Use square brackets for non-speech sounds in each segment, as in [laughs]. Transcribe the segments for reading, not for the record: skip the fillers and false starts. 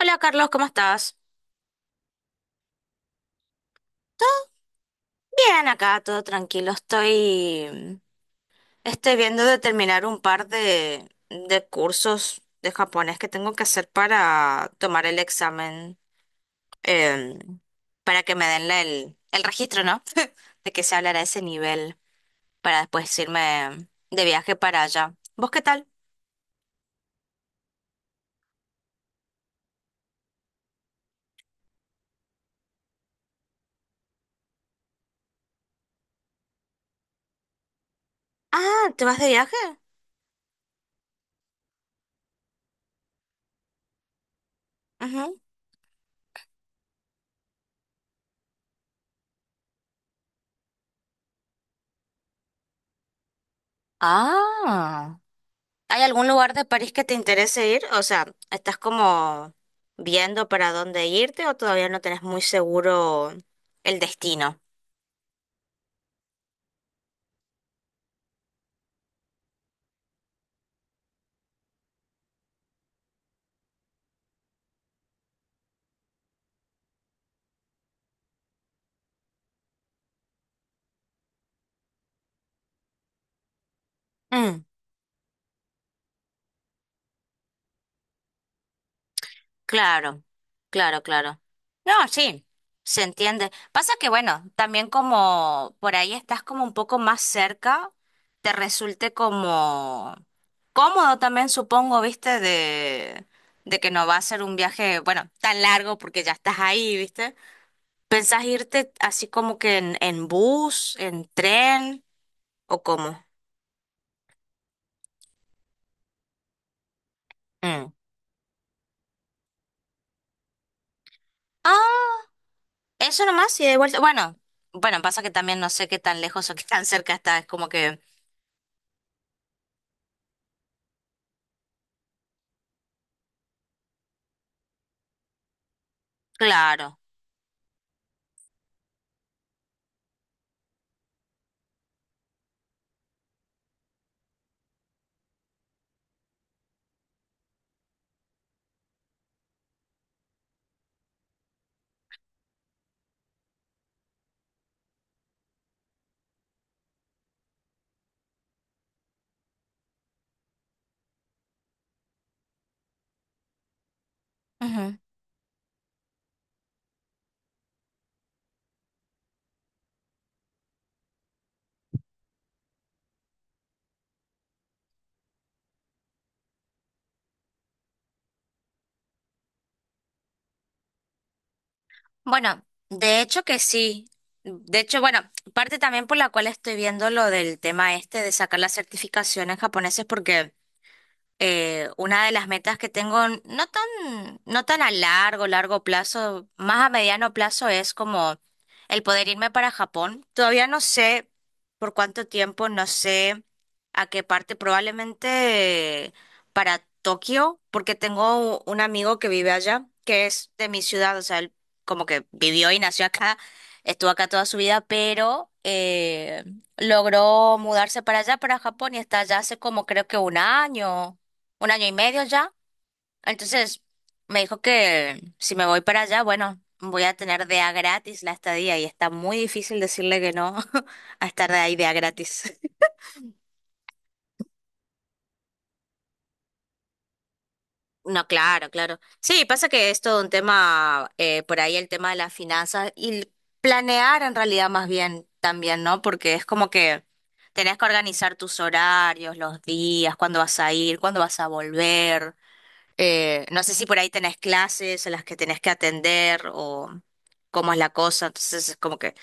Hola Carlos, ¿cómo estás? Bien, acá todo tranquilo. Estoy viendo de terminar un par de cursos de japonés que tengo que hacer para tomar el examen, eh, para que me den el registro, ¿no? De que se hablará a ese nivel para después irme de viaje para allá. ¿Vos qué tal? Ah, ¿te vas de viaje? Ujú. Ah. ¿Hay algún lugar de París que te interese ir? O sea, ¿estás como viendo para dónde irte o todavía no tenés muy seguro el destino? Mm, claro, claro, claro. No, sí, se entiende. Pasa que, bueno, también como por ahí estás como un poco más cerca, te resulte como cómodo también, supongo, viste, de que no va a ser un viaje, bueno, tan largo porque ya estás ahí, ¿viste? ¿Pensás irte así como que en bus, en tren o cómo? Mm. Ah, eso nomás y de vuelta. Bueno, bueno, pasa que también no sé qué tan lejos [laughs] o qué tan cerca está. Es como que, claro. Ujú. Bueno, de hecho que sí. De hecho, bueno, parte también por la cual estoy viendo lo del tema este de sacar la certificación en japonés es porque una de las metas que tengo, no tan a largo, largo plazo, más a mediano plazo es como el poder irme para Japón. Todavía no sé por cuánto tiempo, no sé a qué parte, probablemente para Tokio, porque tengo un amigo que vive allá, que es de mi ciudad, o sea, él como que vivió y nació acá, estuvo acá toda su vida, pero logró mudarse para allá, para Japón, y está allá hace como creo que un año y medio ya. Entonces me dijo que si me voy para allá, bueno, voy a tener de a gratis la estadía y está muy difícil decirle que no [laughs] a estar de ahí de a gratis. [laughs] No, claro, claro. Sí, pasa que es todo un tema, por ahí el tema de las finanzas y planear en realidad más bien también, ¿no? Porque es como que tenés que organizar tus horarios, los días, cuándo vas a ir, cuándo vas a volver. No sé si por ahí tenés clases a las que tenés que atender o cómo es la cosa. Entonces es como que,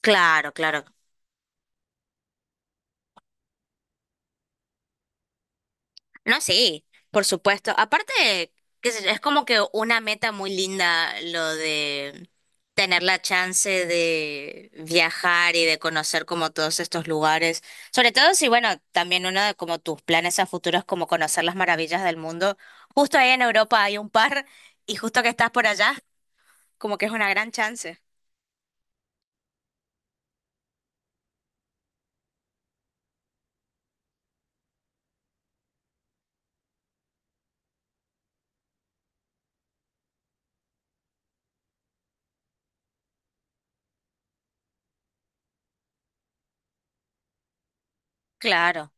claro, claro. No, sí, por supuesto. Aparte, qué sé yo, es como que una meta muy linda lo de tener la chance de viajar y de conocer como todos estos lugares. Sobre todo si, bueno, también uno de como tus planes a futuro es como conocer las maravillas del mundo. Justo ahí en Europa hay un par y justo que estás por allá, como que es una gran chance. Claro.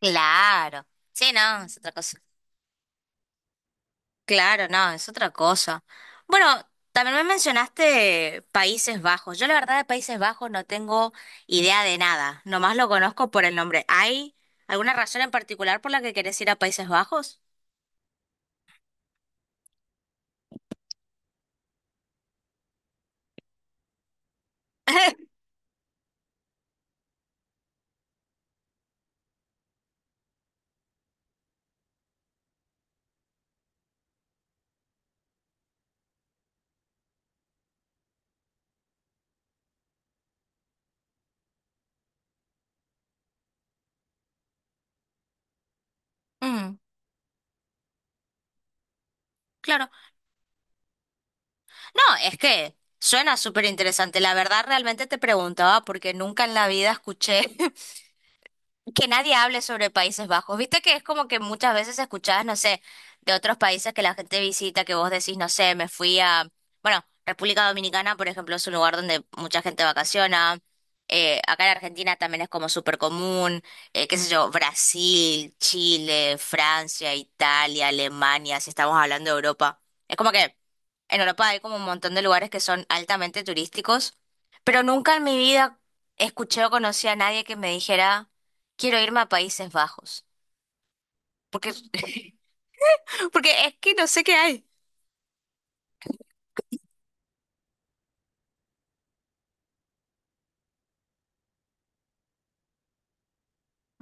Claro. Sí, no, es otra cosa. Claro, no, es otra cosa. Bueno, también me mencionaste Países Bajos. Yo la verdad de Países Bajos no tengo idea de nada. Nomás lo conozco por el nombre. ¿Hay alguna razón en particular por la que querés ir a Países Bajos? [laughs] Mm, claro. No, es que suena súper interesante. La verdad, realmente te preguntaba porque nunca en la vida escuché [laughs] que nadie hable sobre Países Bajos. Viste que es como que muchas veces escuchás, no sé, de otros países que la gente visita, que vos decís, no sé, me fui a, bueno, República Dominicana, por ejemplo, es un lugar donde mucha gente vacaciona. Acá en Argentina también es como súper común, qué sé yo, Brasil, Chile, Francia, Italia, Alemania, si estamos hablando de Europa. Es como que en Europa hay como un montón de lugares que son altamente turísticos, pero nunca en mi vida escuché o conocí a nadie que me dijera. Quiero irme a Países Bajos. Porque, [laughs] porque es que no sé qué hay.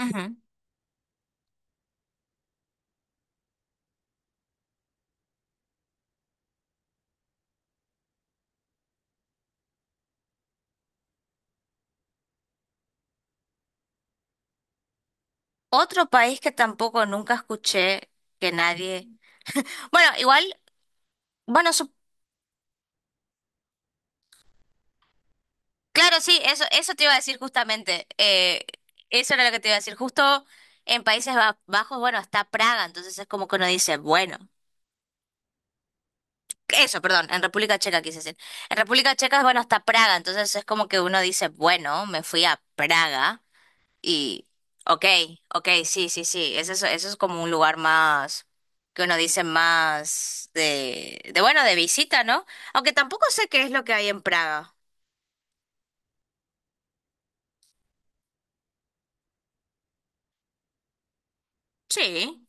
Ujú. Otro país que tampoco nunca escuché que nadie. Bueno, igual, bueno, claro, sí, eso te iba a decir justamente. Eso era lo que te iba a decir. Justo en Países Bajos, bueno, está Praga, entonces es como que uno dice, bueno, eso, perdón, en República Checa quise decir. En República Checa, bueno, está Praga, entonces es como que uno dice, bueno, me fui a Praga. Y, ok, ok, sí, sí, sí, eso es como un lugar más, que uno dice más de, bueno, de visita, ¿no? Aunque tampoco sé qué es lo que hay en Praga. Sí,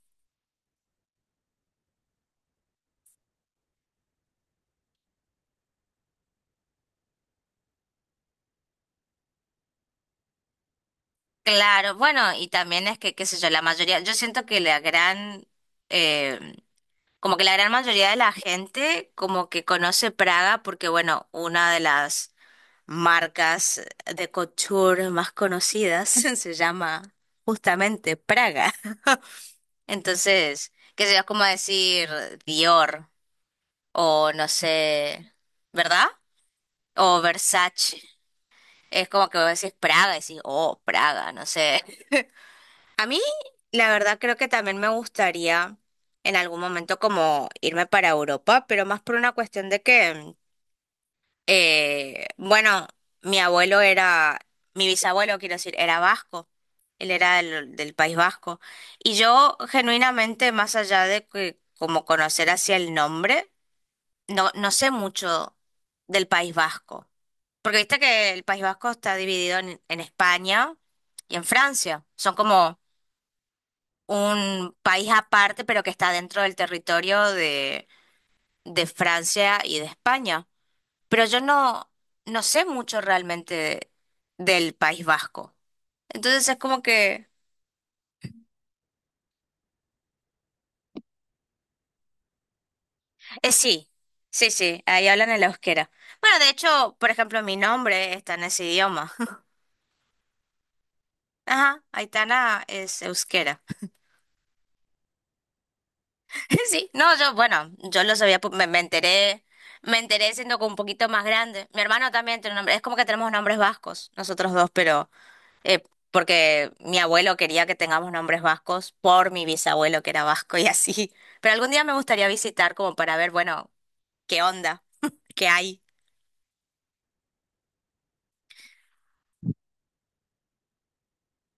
claro, bueno, y también es que, qué sé yo, la mayoría, yo siento que eh, como que la gran mayoría de la gente como que conoce Praga porque, bueno, una de las marcas de couture más conocidas [laughs] se llama justamente Praga. Entonces, qué sé yo, es como decir Dior o no sé, ¿verdad? O Versace. Es como que vos decís Praga y decís, oh, Praga, no sé. [laughs] A mí, la verdad, creo que también me gustaría en algún momento como irme para Europa, pero más por una cuestión de que bueno, mi abuelo era, mi bisabuelo, quiero decir, era vasco. Él era del País Vasco. Y yo, genuinamente, más allá de que, como conocer hacia el nombre, no, no sé mucho del País Vasco. Porque viste que el País Vasco está dividido en España y en Francia. Son como un país aparte, pero que está dentro del territorio de Francia y de España pero yo no, no sé mucho realmente del País Vasco. Entonces es como que, sí, sí, sí, ahí hablan el euskera. Bueno, de hecho, por ejemplo, mi nombre está en ese idioma. [laughs] Ajá, Aitana es euskera. [laughs] Sí, no, yo, yo lo sabía, me enteré siendo como un poquito más grande. Mi hermano también tiene un nombre, es como que tenemos nombres vascos, nosotros dos, pero, Eh, porque mi abuelo quería que tengamos nombres vascos por mi bisabuelo que era vasco y así. Pero algún día me gustaría visitar como para ver, bueno, qué onda, [laughs] qué hay.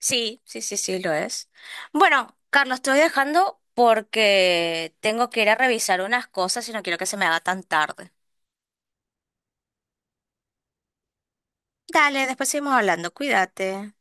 Sí, sí, sí, sí, lo es. Bueno, Carlos, te voy dejando porque tengo que ir a revisar unas cosas y no quiero que se me haga tan tarde. Dale, después seguimos hablando, cuídate.